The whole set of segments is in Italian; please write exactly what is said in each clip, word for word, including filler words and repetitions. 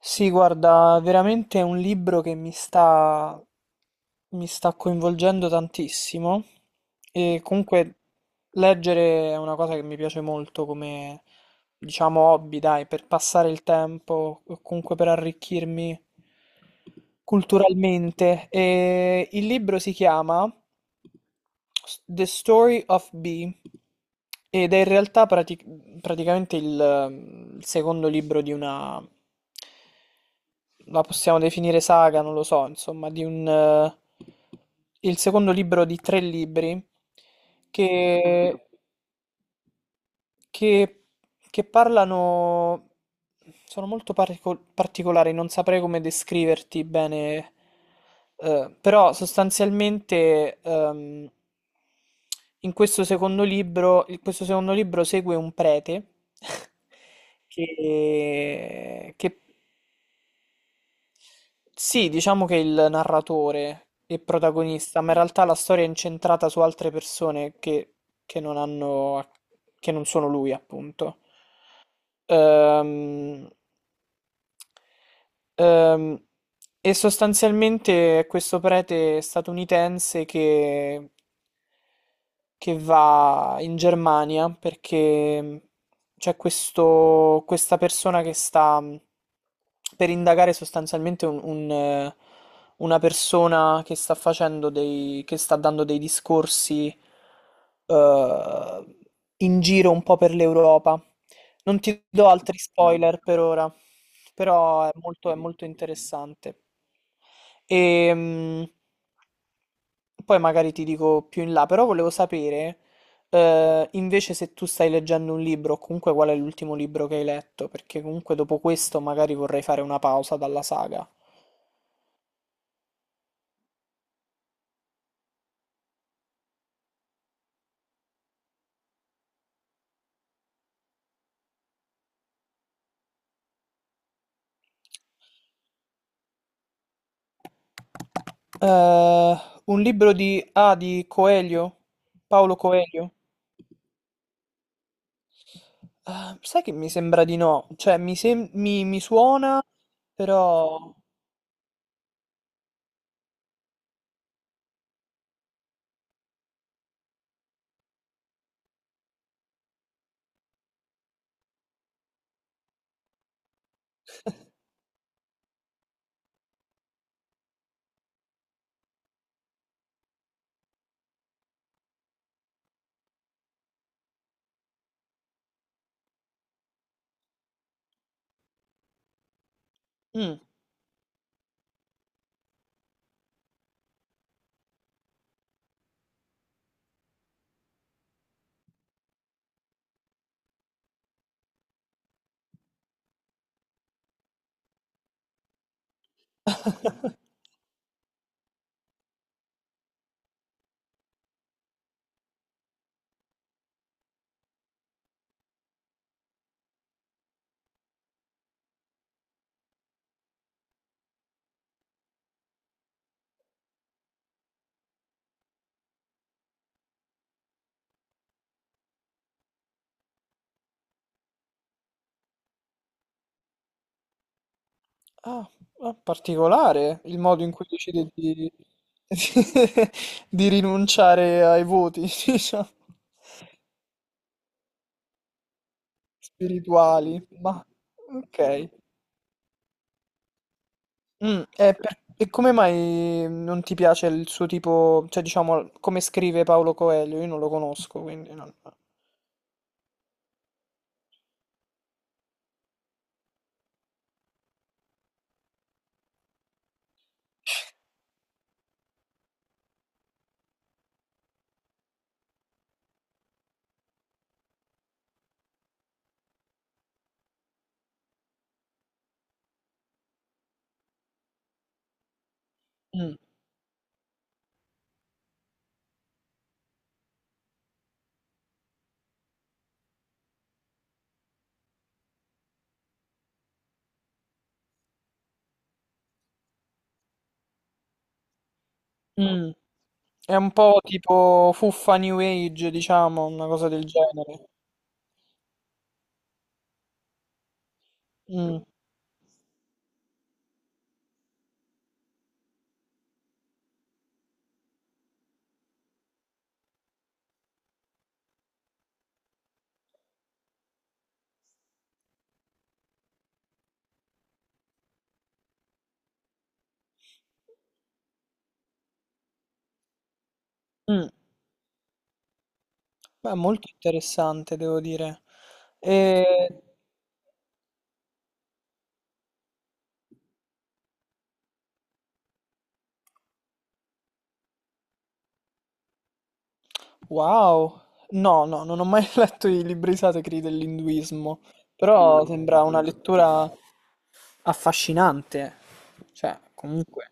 Sì, guarda, veramente è un libro che mi sta, mi sta coinvolgendo tantissimo e comunque leggere è una cosa che mi piace molto come, diciamo, hobby, dai, per passare il tempo, o comunque per arricchirmi culturalmente. E il libro si chiama The Story of Bee ed è in realtà prati- praticamente il, ehm, il secondo libro di una, la possiamo definire saga, non lo so, insomma, di un, eh, il secondo libro di tre libri che che, che parlano, sono molto particol- particolari, non saprei come descriverti bene, eh, però sostanzialmente ehm, in questo secondo libro, in questo secondo libro segue un prete che, che sì, diciamo che è il narratore e protagonista, ma in realtà la storia è incentrata su altre persone che, che non hanno, che non sono lui, appunto. Ehm, ehm, e sostanzialmente è questo prete statunitense che che va in Germania perché mh, c'è questo, questa persona che sta mh, per indagare sostanzialmente un- un, eh, una persona che sta facendo dei, che sta dando dei discorsi eh, in giro un po' per l'Europa. Non ti do altri spoiler per ora, però è molto, è molto interessante. E, mm, poi magari ti dico più in là, però volevo sapere, eh, invece se tu stai leggendo un libro, o comunque qual è l'ultimo libro che hai letto, perché comunque dopo questo magari vorrei fare una pausa dalla saga. Eh, un libro di... Ah, di Coelho? Paolo Coelho? Ah, sai che mi sembra di no, cioè mi, sem- mi- mi suona, però... Mm. Ah, ah, particolare il modo in cui decide di, di rinunciare ai voti, diciamo, spirituali. Ma ok. Mm, e, per- e come mai non ti piace il suo tipo, cioè diciamo, come scrive Paolo Coelho? Io non lo conosco, quindi non... Mm, mm. È un po' tipo fuffa New Age, diciamo, una cosa del genere. Mm, mm. Beh, molto interessante, devo dire. E... Wow! No, no, non ho mai letto i libri sacri dell'induismo, però sembra una lettura affascinante. Cioè, comunque,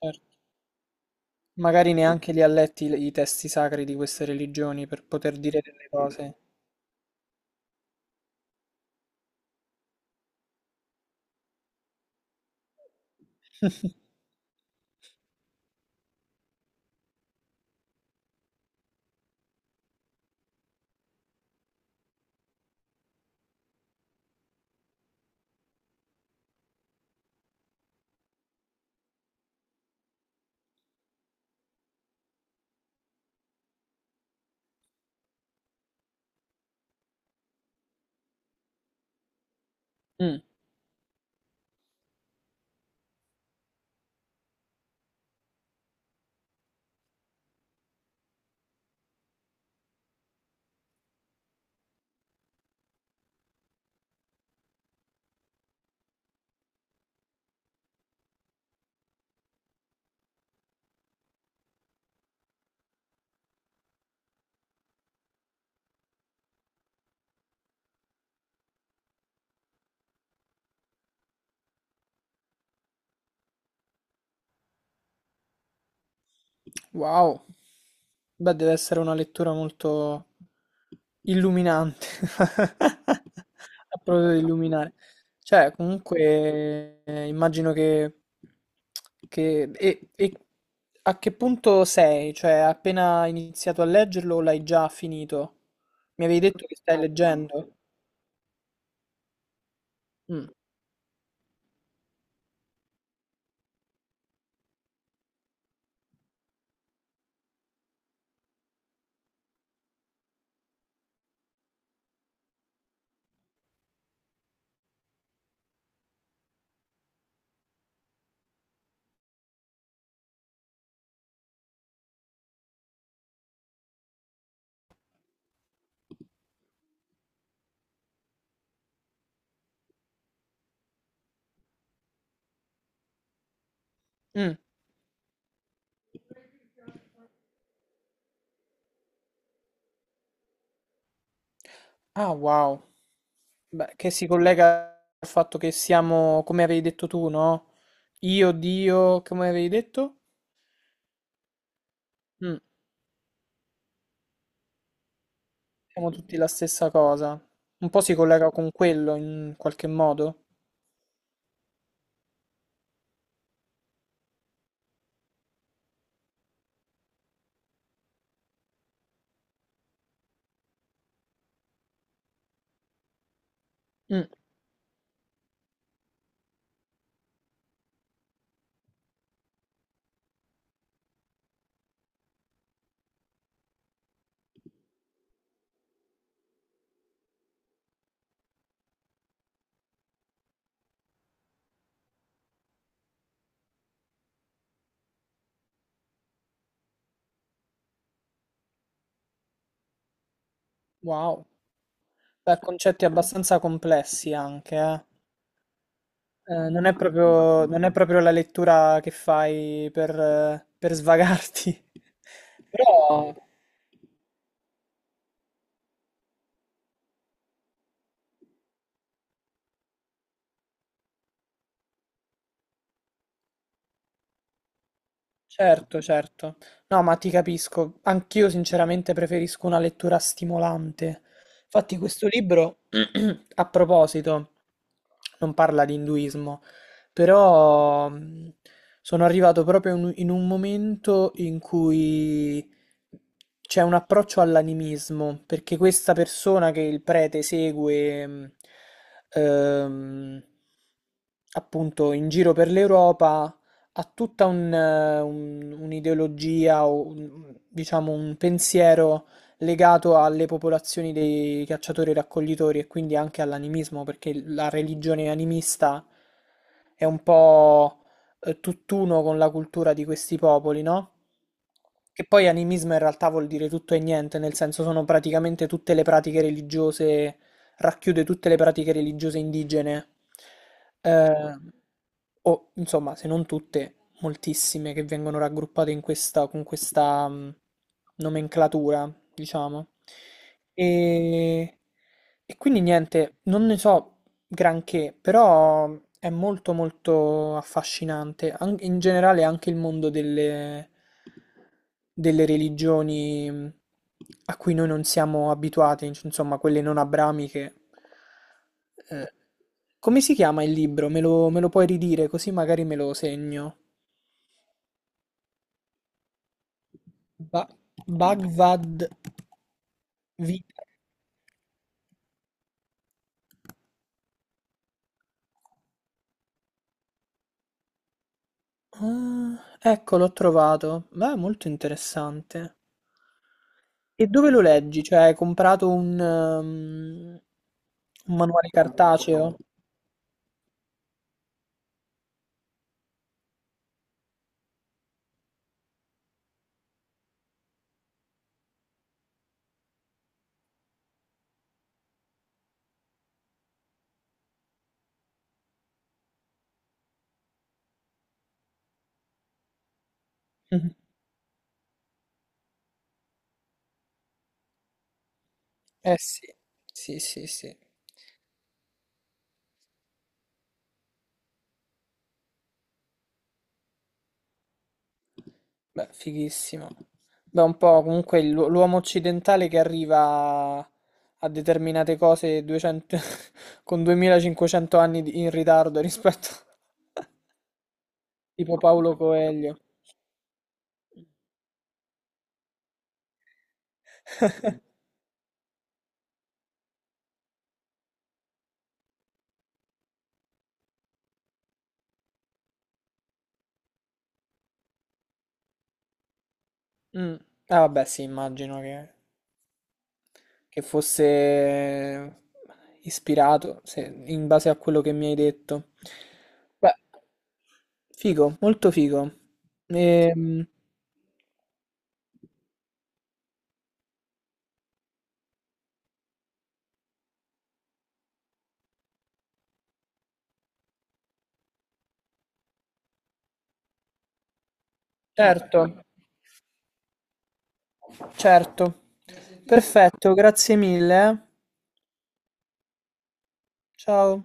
certo. Magari neanche li ha letti i i testi sacri di queste religioni per poter dire delle cose. Mm. Wow. Beh, deve essere una lettura molto illuminante. A proposito di illuminare. Cioè, comunque, eh, immagino che... che e, e a che punto sei? Cioè, hai appena iniziato a leggerlo o l'hai già finito? Mi avevi detto che stai leggendo? Mm. Mm. Ah, wow. Beh, che si collega al fatto che siamo, come avevi detto tu, no? Io, Dio, come avevi detto? Mm, siamo tutti la stessa cosa. Un po' si collega con quello in qualche modo. Mm, wow. Beh, concetti abbastanza complessi anche, eh. Eh, non è proprio, non è proprio la lettura che fai per, eh, per svagarti. Però. Certo, certo. No, ma ti capisco. Anch'io sinceramente preferisco una lettura stimolante. Infatti questo libro a proposito, non parla di induismo, però mh, sono arrivato proprio in, in un momento in cui c'è un approccio all'animismo, perché questa persona che il prete segue, mh, ehm, appunto in giro per l'Europa ha tutta un, eh, un- un'ideologia o un- diciamo un pensiero legato alle popolazioni dei cacciatori-raccoglitori e raccoglitori e quindi anche all'animismo, perché la religione animista è un po' eh, tutt'uno con la cultura di questi popoli, no? Che poi animismo in realtà vuol dire tutto e niente, nel senso sono praticamente tutte le pratiche religiose racchiude tutte le pratiche religiose indigene, eh, o insomma, se non tutte, moltissime che vengono raggruppate in questa, con questa mh, nomenclatura, diciamo. E, e quindi niente, non ne so, Granché, però è molto molto affascinante, an- in generale anche il mondo delle, delle religioni mh, a cui noi non siamo abituati, inc- insomma quelle non abramiche. Eh, come si chiama il libro? Me lo, me lo puoi ridire così magari me lo segno. Ba- Bhagavad Gita. Ah, ecco, l'ho trovato. Beh, molto interessante. E dove lo leggi? Cioè, hai comprato un, ehm, un manuale cartaceo? Mhm. Eh sì, sì, sì, sì. Beh, fighissimo. Beh, un po' comunque l'u- l'uomo occidentale che arriva a determinate cose duecento con duemilacinquecento anni di- in ritardo rispetto a tipo Paolo Coelho. Mm. Ah, vabbè, sì, immagino che... che fosse ispirato, se- in base a quello che mi hai detto. Beh, figo, molto figo. Ehm, certo, certo. Perfetto, grazie mille. eh. Ciao.